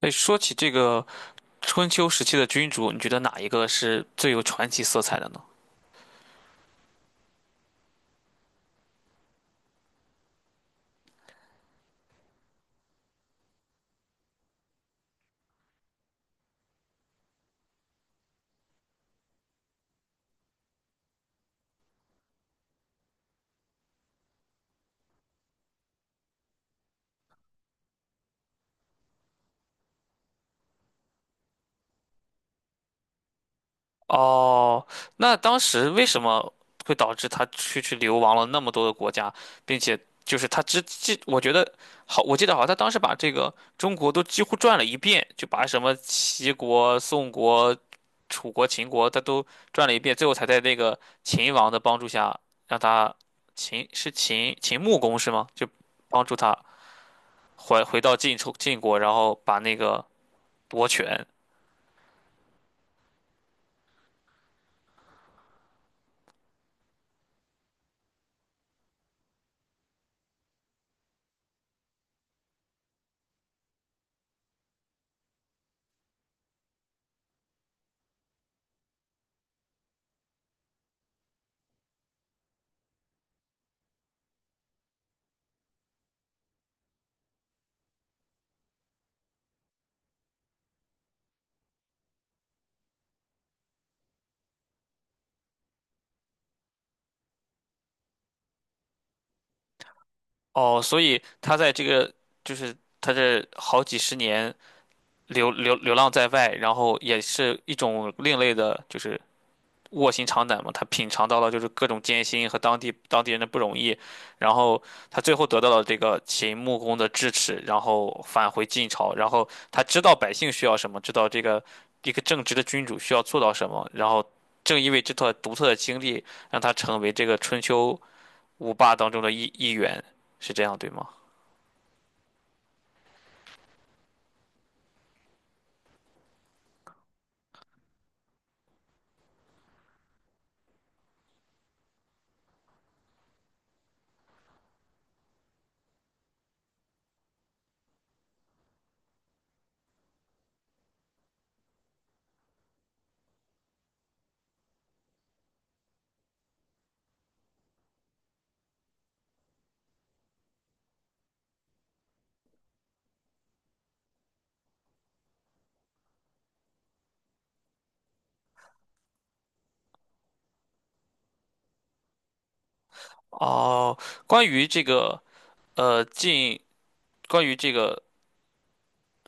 哎，说起这个春秋时期的君主，你觉得哪一个是最有传奇色彩的呢？哦，那当时为什么会导致他去流亡了那么多的国家，并且就是他只记，我记得好像他当时把这个中国都几乎转了一遍，就把什么齐国、宋国、楚国、秦国，他都转了一遍，最后才在那个秦王的帮助下，让他秦穆公是吗？就帮助他回到晋国，然后把那个夺权。哦，所以他在这个就是他这好几十年流浪在外，然后也是一种另类的，就是卧薪尝胆嘛，他品尝到了就是各种艰辛和当地人的不容易，然后他最后得到了这个秦穆公的支持，然后返回晋朝，然后他知道百姓需要什么，知道这个一个正直的君主需要做到什么，然后正因为这段独特的经历，让他成为这个春秋五霸当中的一员，是这样对吗？哦，关于这个呃晋，关于这个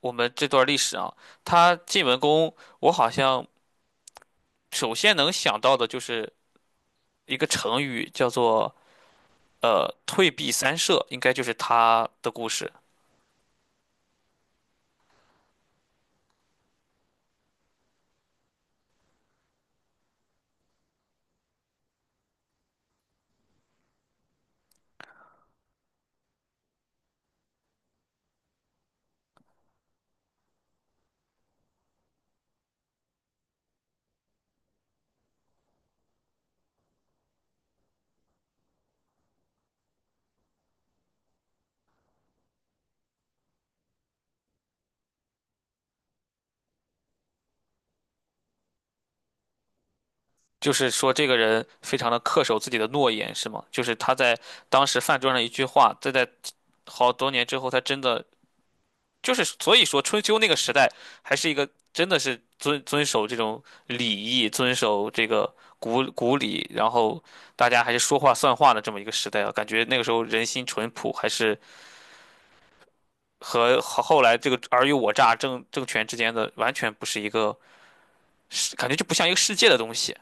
我们这段历史啊，他晋文公，我好像。首先能想到的就是一个成语，叫做“退避三舍”，应该就是他的故事。就是说，这个人非常的恪守自己的诺言，是吗？就是他在当时饭桌上一句话，这在好多年之后，他真的就是，所以说春秋那个时代还是一个真的是遵守这种礼义、遵守这个古礼，然后大家还是说话算话的这么一个时代啊。感觉那个时候人心淳朴，还是。和后来这个尔虞我诈政权之间的完全不是一个世，感觉就不像一个世界的东西。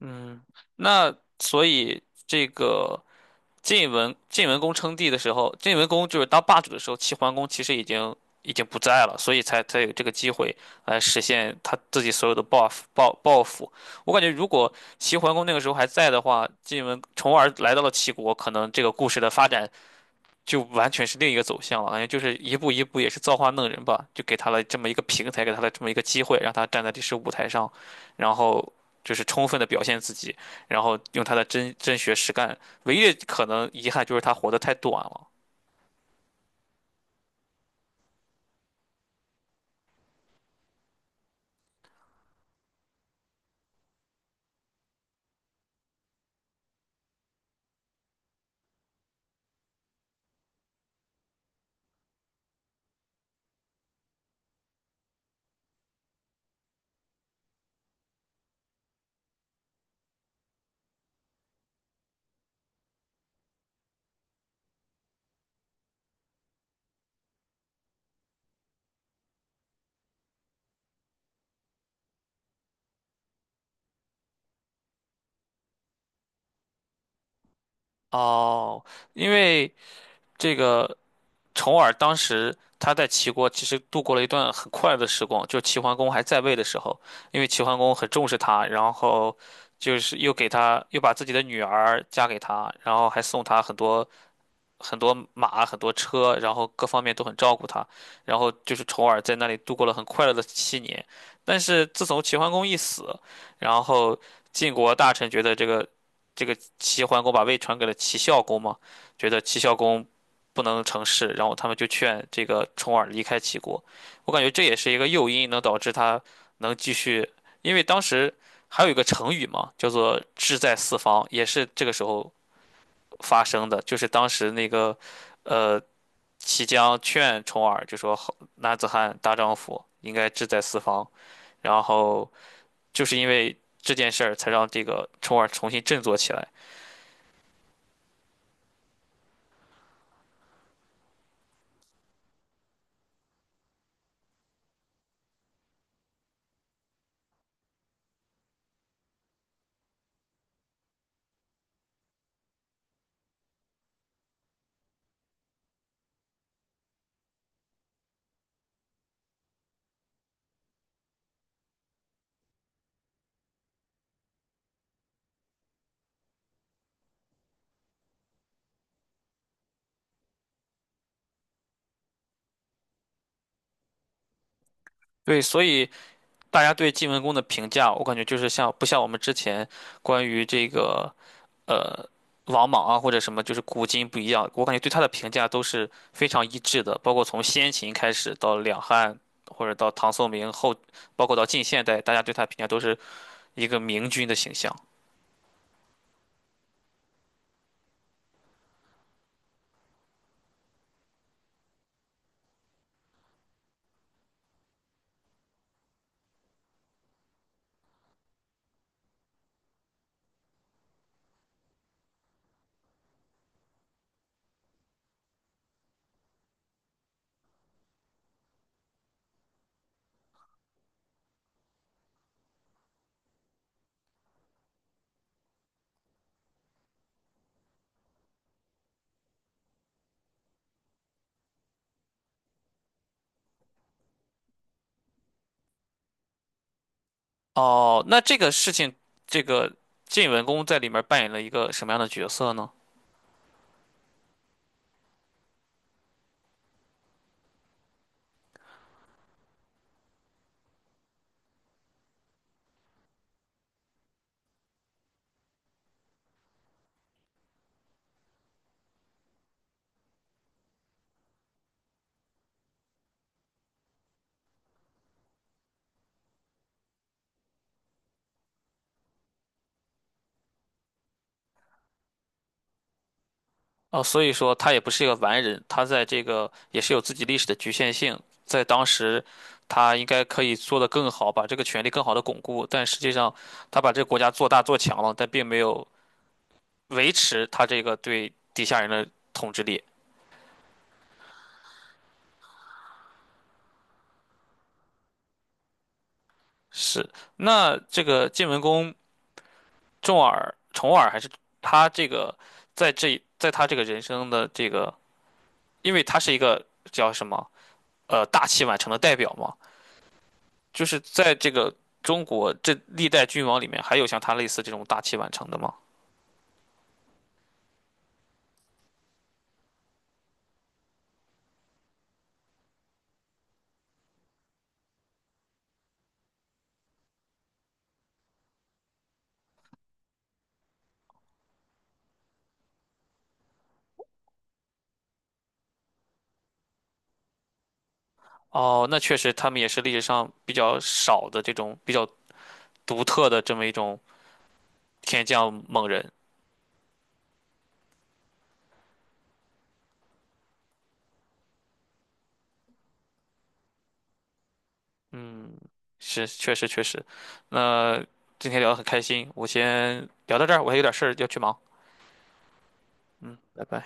嗯，那所以这个晋文公称帝的时候，晋文公就是当霸主的时候，齐桓公其实已经不在了，所以才有这个机会来实现他自己所有的报复。我感觉如果齐桓公那个时候还在的话，晋文从而来到了齐国，可能这个故事的发展就完全是另一个走向了，感觉就是一步一步也是造化弄人吧，就给他了这么一个平台，给他了这么一个机会，让他站在历史舞台上，然后就是充分的表现自己，然后用他的真学实干。唯一的可能遗憾就是他活得太短了。哦，因为这个重耳当时他在齐国其实度过了一段很快乐的时光，就齐桓公还在位的时候，因为齐桓公很重视他，然后就是又给他又把自己的女儿嫁给他，然后还送他很多很多马、很多车，然后各方面都很照顾他，然后就是重耳在那里度过了很快乐的七年。但是自从齐桓公一死，然后晋国大臣觉得这个齐桓公把位传给了齐孝公嘛，觉得齐孝公不能成事，然后他们就劝这个重耳离开齐国。我感觉这也是一个诱因，能导致他能继续，因为当时还有一个成语嘛，叫做“志在四方”，也是这个时候发生的，就是当时那个呃齐姜劝重耳，就说好男子汉大丈夫应该志在四方，然后就是因为这件事儿才让这个重耳重新振作起来。对，所以大家对晋文公的评价，我感觉就是像不像我们之前关于这个呃王莽啊或者什么，就是古今不一样。我感觉对他的评价都是非常一致的，包括从先秦开始到两汉，或者到唐宋明后，包括到近现代，大家对他评价都是一个明君的形象。哦，那这个事情，这个晋文公在里面扮演了一个什么样的角色呢？哦，所以说他也不是一个完人，他在这个也是有自己历史的局限性，在当时，他应该可以做得更好，把这个权力更好的巩固，但实际上他把这个国家做大做强了，但并没有维持他这个对底下人的统治力。是，那这个晋文公重耳还是他这个在他这个人生的这个，因为他是一个叫什么大器晚成的代表嘛。就是在这个中国这历代君王里面，还有像他类似这种大器晚成的吗？哦，那确实，他们也是历史上比较少的这种比较独特的这么一种天降猛人。嗯，是，确实确实。那今天聊得很开心，我先聊到这儿，我还有点事儿要去忙。嗯，拜拜。